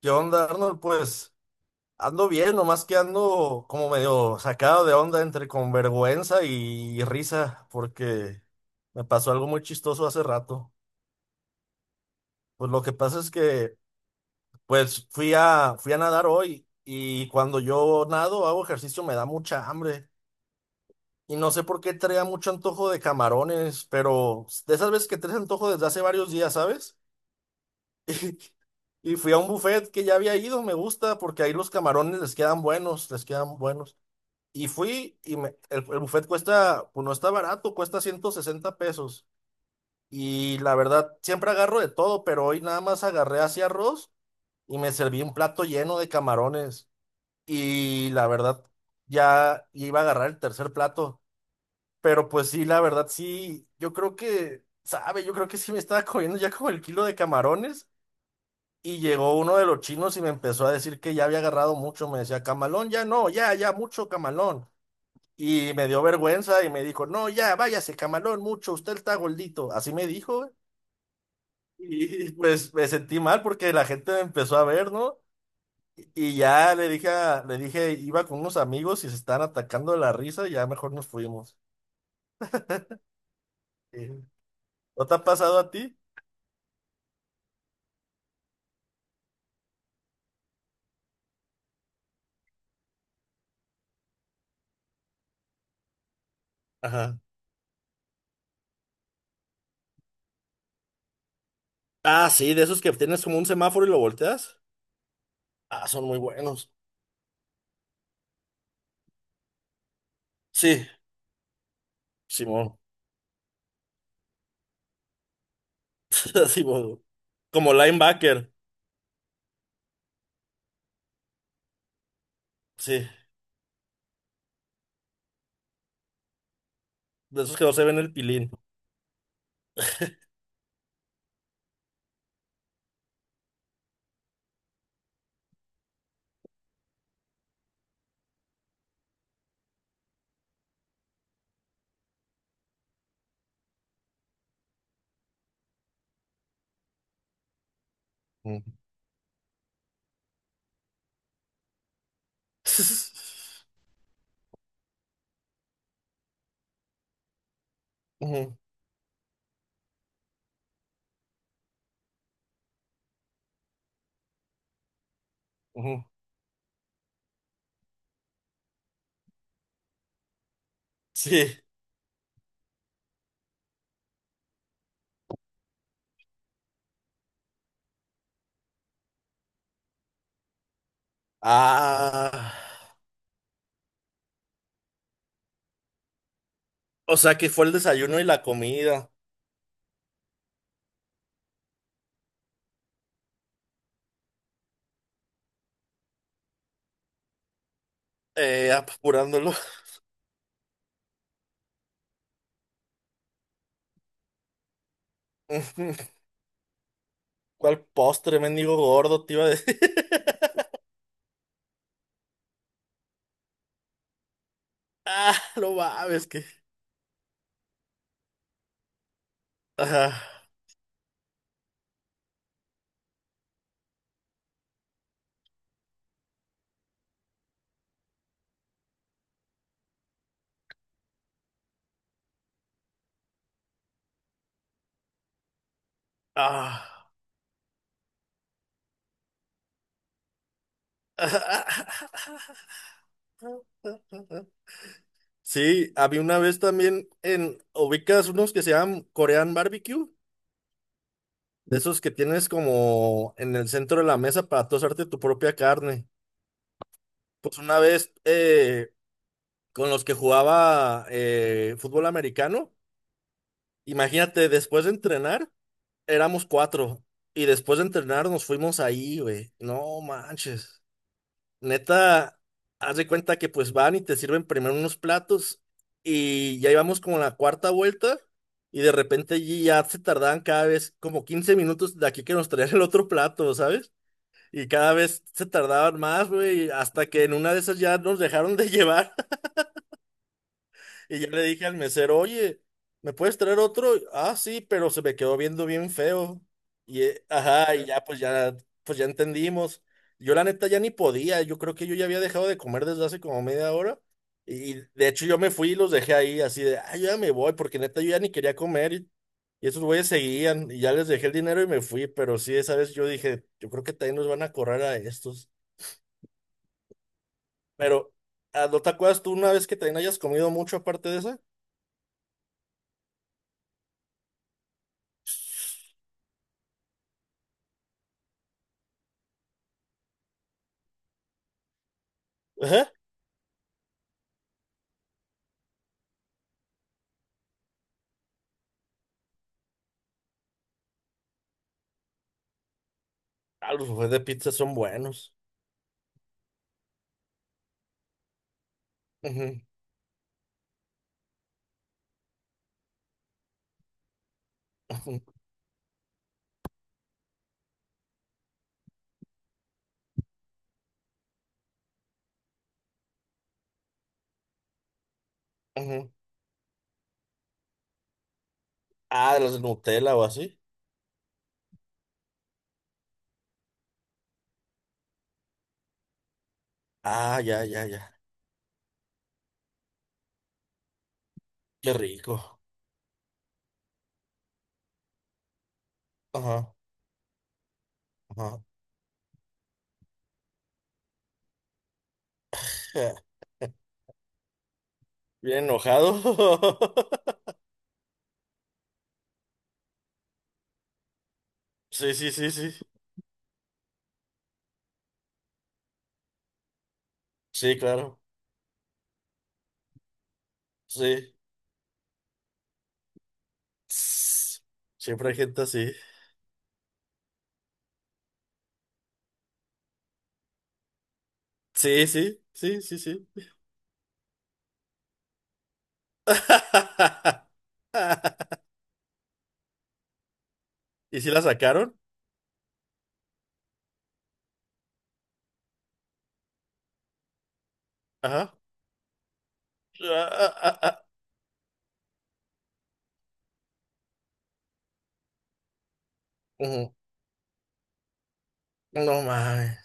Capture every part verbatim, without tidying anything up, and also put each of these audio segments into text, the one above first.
¿Qué onda, Arnold? Pues ando bien, nomás que ando como medio sacado de onda entre con vergüenza y risa, porque me pasó algo muy chistoso hace rato. Pues lo que pasa es que, pues fui a, fui a nadar hoy y cuando yo nado, hago ejercicio, me da mucha hambre. Y no sé por qué traía mucho antojo de camarones, pero de esas veces que traes antojo desde hace varios días, ¿sabes? Y fui a un buffet que ya había ido, me gusta, porque ahí los camarones les quedan buenos, les quedan buenos. Y fui y me- el, el buffet cuesta, pues no está barato, cuesta ciento sesenta pesos. Y la verdad, siempre agarro de todo, pero hoy nada más agarré así arroz y me serví un plato lleno de camarones. Y la verdad, ya iba a agarrar el tercer plato. Pero pues sí, la verdad, sí, yo creo que, sabe, yo creo que sí me estaba comiendo ya como el kilo de camarones. Y llegó uno de los chinos y me empezó a decir que ya había agarrado mucho. Me decía, camalón, ya no, ya, ya, mucho camalón. Y me dio vergüenza y me dijo, no, ya, váyase, camalón, mucho, usted está gordito. Así me dijo, güey. Y pues me sentí mal porque la gente me empezó a ver, ¿no? Y ya le dije, a- le dije, iba con unos amigos y se estaban atacando de la risa y ya mejor nos fuimos. Sí. ¿No te ha pasado a ti? Ajá. Ah, sí, de esos que tienes como un semáforo y lo volteas. Ah, son muy buenos. Sí, Simón. Simón. Como linebacker. Sí, de esos que no se ven el pilín. Ujú. Ujú, ujú. Sí. Ah. O sea que fue el desayuno y la comida. Eh, apurándolo. Ujú. ¿Cuál postre, mendigo gordo, te iba a decir? Ah, no mames, que. Ah, ah, ah. Sí, había una vez también en. ¿Ubicas unos que se llaman Korean Barbecue? De esos que tienes como en el centro de la mesa para tú hacerte tu propia carne. Pues una vez eh, con los que jugaba eh, fútbol americano. Imagínate, después de entrenar, éramos cuatro. Y después de entrenar nos fuimos ahí, güey. No manches. Neta, haz de cuenta que pues van y te sirven primero unos platos. Y ya íbamos como a la cuarta vuelta. Y de repente allí ya se tardaban cada vez como quince minutos de aquí que nos traían el otro plato, ¿sabes? Y cada vez se tardaban más, güey. Hasta que en una de esas ya nos dejaron de llevar. Y ya le dije al mesero, oye, ¿me puedes traer otro? Ah, sí, pero se me quedó viendo bien feo. Y, eh, ajá, y ya pues ya, pues ya entendimos. Yo la neta ya ni podía, yo creo que yo ya había dejado de comer desde hace como media hora. Y de hecho yo me fui y los dejé ahí así de, ah, ya me voy, porque neta yo ya ni quería comer. Y, y esos güeyes seguían y ya les dejé el dinero y me fui. Pero sí, esa vez yo dije, yo creo que también nos van a correr a estos. Pero, ah, ¿no te acuerdas tú una vez que también hayas comido mucho aparte de esa? Ah, los buffets de pizza son buenos. Ujú, ujú, ujú. Ah, de los de Nutella o así. Ah, ya, ya, ya. Qué rico. Ajá, ajá. Ja, bien enojado. Sí, sí, sí, sí. Sí, claro. Sí. Tss. Siempre hay gente así. Sí, sí, sí, sí, sí. ¿Y si la sacaron? Ajá. Ah, ah, ah, ah. Ujú. No mames.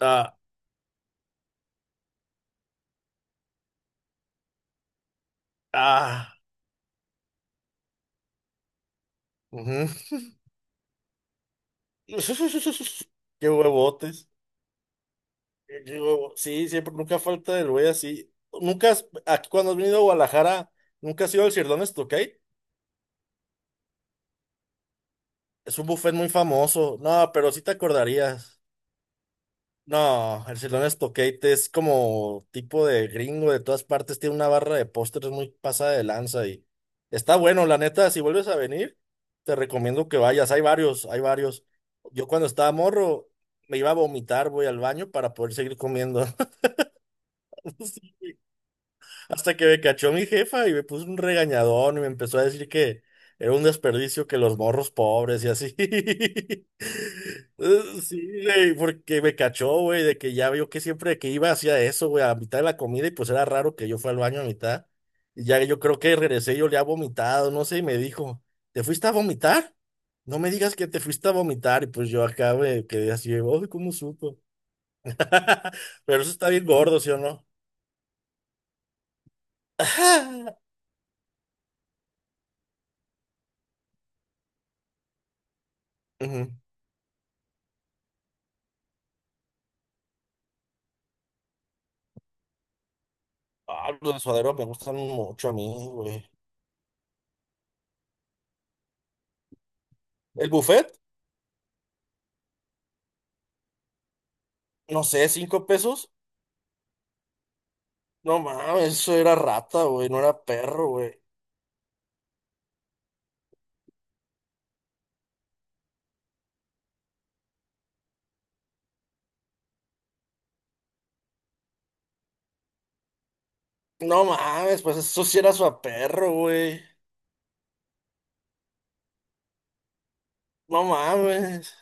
Ah, ah. Ujú. Qué huevotes. Eh, Digo, sí, siempre, nunca falta el güey así. Nunca, has- aquí cuando has venido a Guadalajara, nunca has ido al Sirloin Stokate. Es un buffet muy famoso. No, pero sí te acordarías. No, el Sirloin Stokate es como tipo de gringo de todas partes. Tiene una barra de postres muy pasada de lanza y está bueno, la neta. Si vuelves a venir, te recomiendo que vayas. Hay varios, hay varios. Yo cuando estaba morro, me iba a vomitar, voy al baño para poder seguir comiendo. Hasta que me cachó mi jefa y me puso un regañadón y me empezó a decir que era un desperdicio que los morros pobres y así. Eh, Sí, güey, porque me cachó, güey, de que ya vio que siempre que iba hacía eso, güey, a mitad de la comida y pues era raro que yo fuera al baño a mitad. Y ya yo creo que regresé y yo le había vomitado, no sé, y me dijo, ¿te fuiste a vomitar? No me digas que te fuiste a vomitar y pues yo acá me quedé así, uy, ¿cómo supo? Pero eso está bien gordo, ¿sí o no? Ujú. Ah, los de suadero me gustan mucho a mí, güey. El buffet, no sé, cinco pesos. No mames, eso era rata, güey, no era perro, güey. No mames, pues eso sí era su a perro, güey. No mames.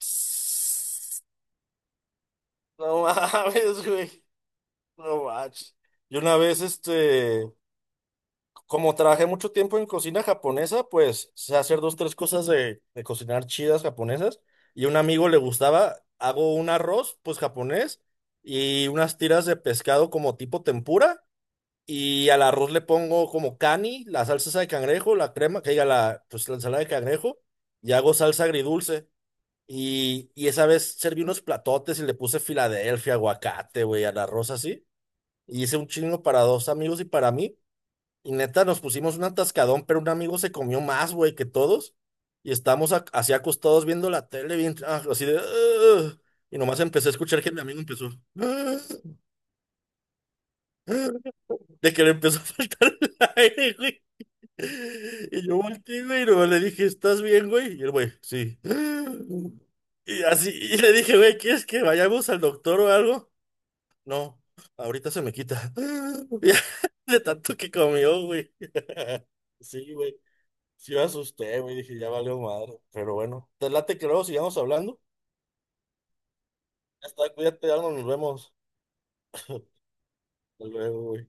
Tss, no mames, güey. No manches. Y una vez, este, como trabajé mucho tiempo en cocina japonesa, pues sé hacer dos, tres cosas de, de cocinar chidas japonesas. Y a un amigo le gustaba, hago un arroz, pues japonés, y unas tiras de pescado como tipo tempura. Y al arroz le pongo como cani, la salsa esa de cangrejo, la crema, que diga la, pues la ensalada de cangrejo, y hago salsa agridulce. Y, y esa vez serví unos platotes y le puse Filadelfia, aguacate, güey, al arroz así. Y hice un chingo para dos amigos y para mí. Y neta, nos pusimos un atascadón, pero un amigo se comió más, güey, que todos. Y estamos ac- así acostados viendo la tele, bien, ah, así de... "Ugh". Y nomás empecé a escuchar que mi amigo empezó... "Ugh, ugh", de que le empezó a faltar el aire, güey. Y yo volteé, güey, y nomás le dije, ¿estás bien, güey? Y el güey, sí. "Ugh". Y así, y le dije, güey, ¿quieres que vayamos al doctor o algo? No, ahorita se me quita. "Ugh". De tanto que comió, güey. Sí, güey. Sí me asusté, güey, dije, ya valió madre. Pero bueno, te late que luego sigamos hablando. Ya está, cuídate, Arnold, nos vemos. Hasta luego, güey.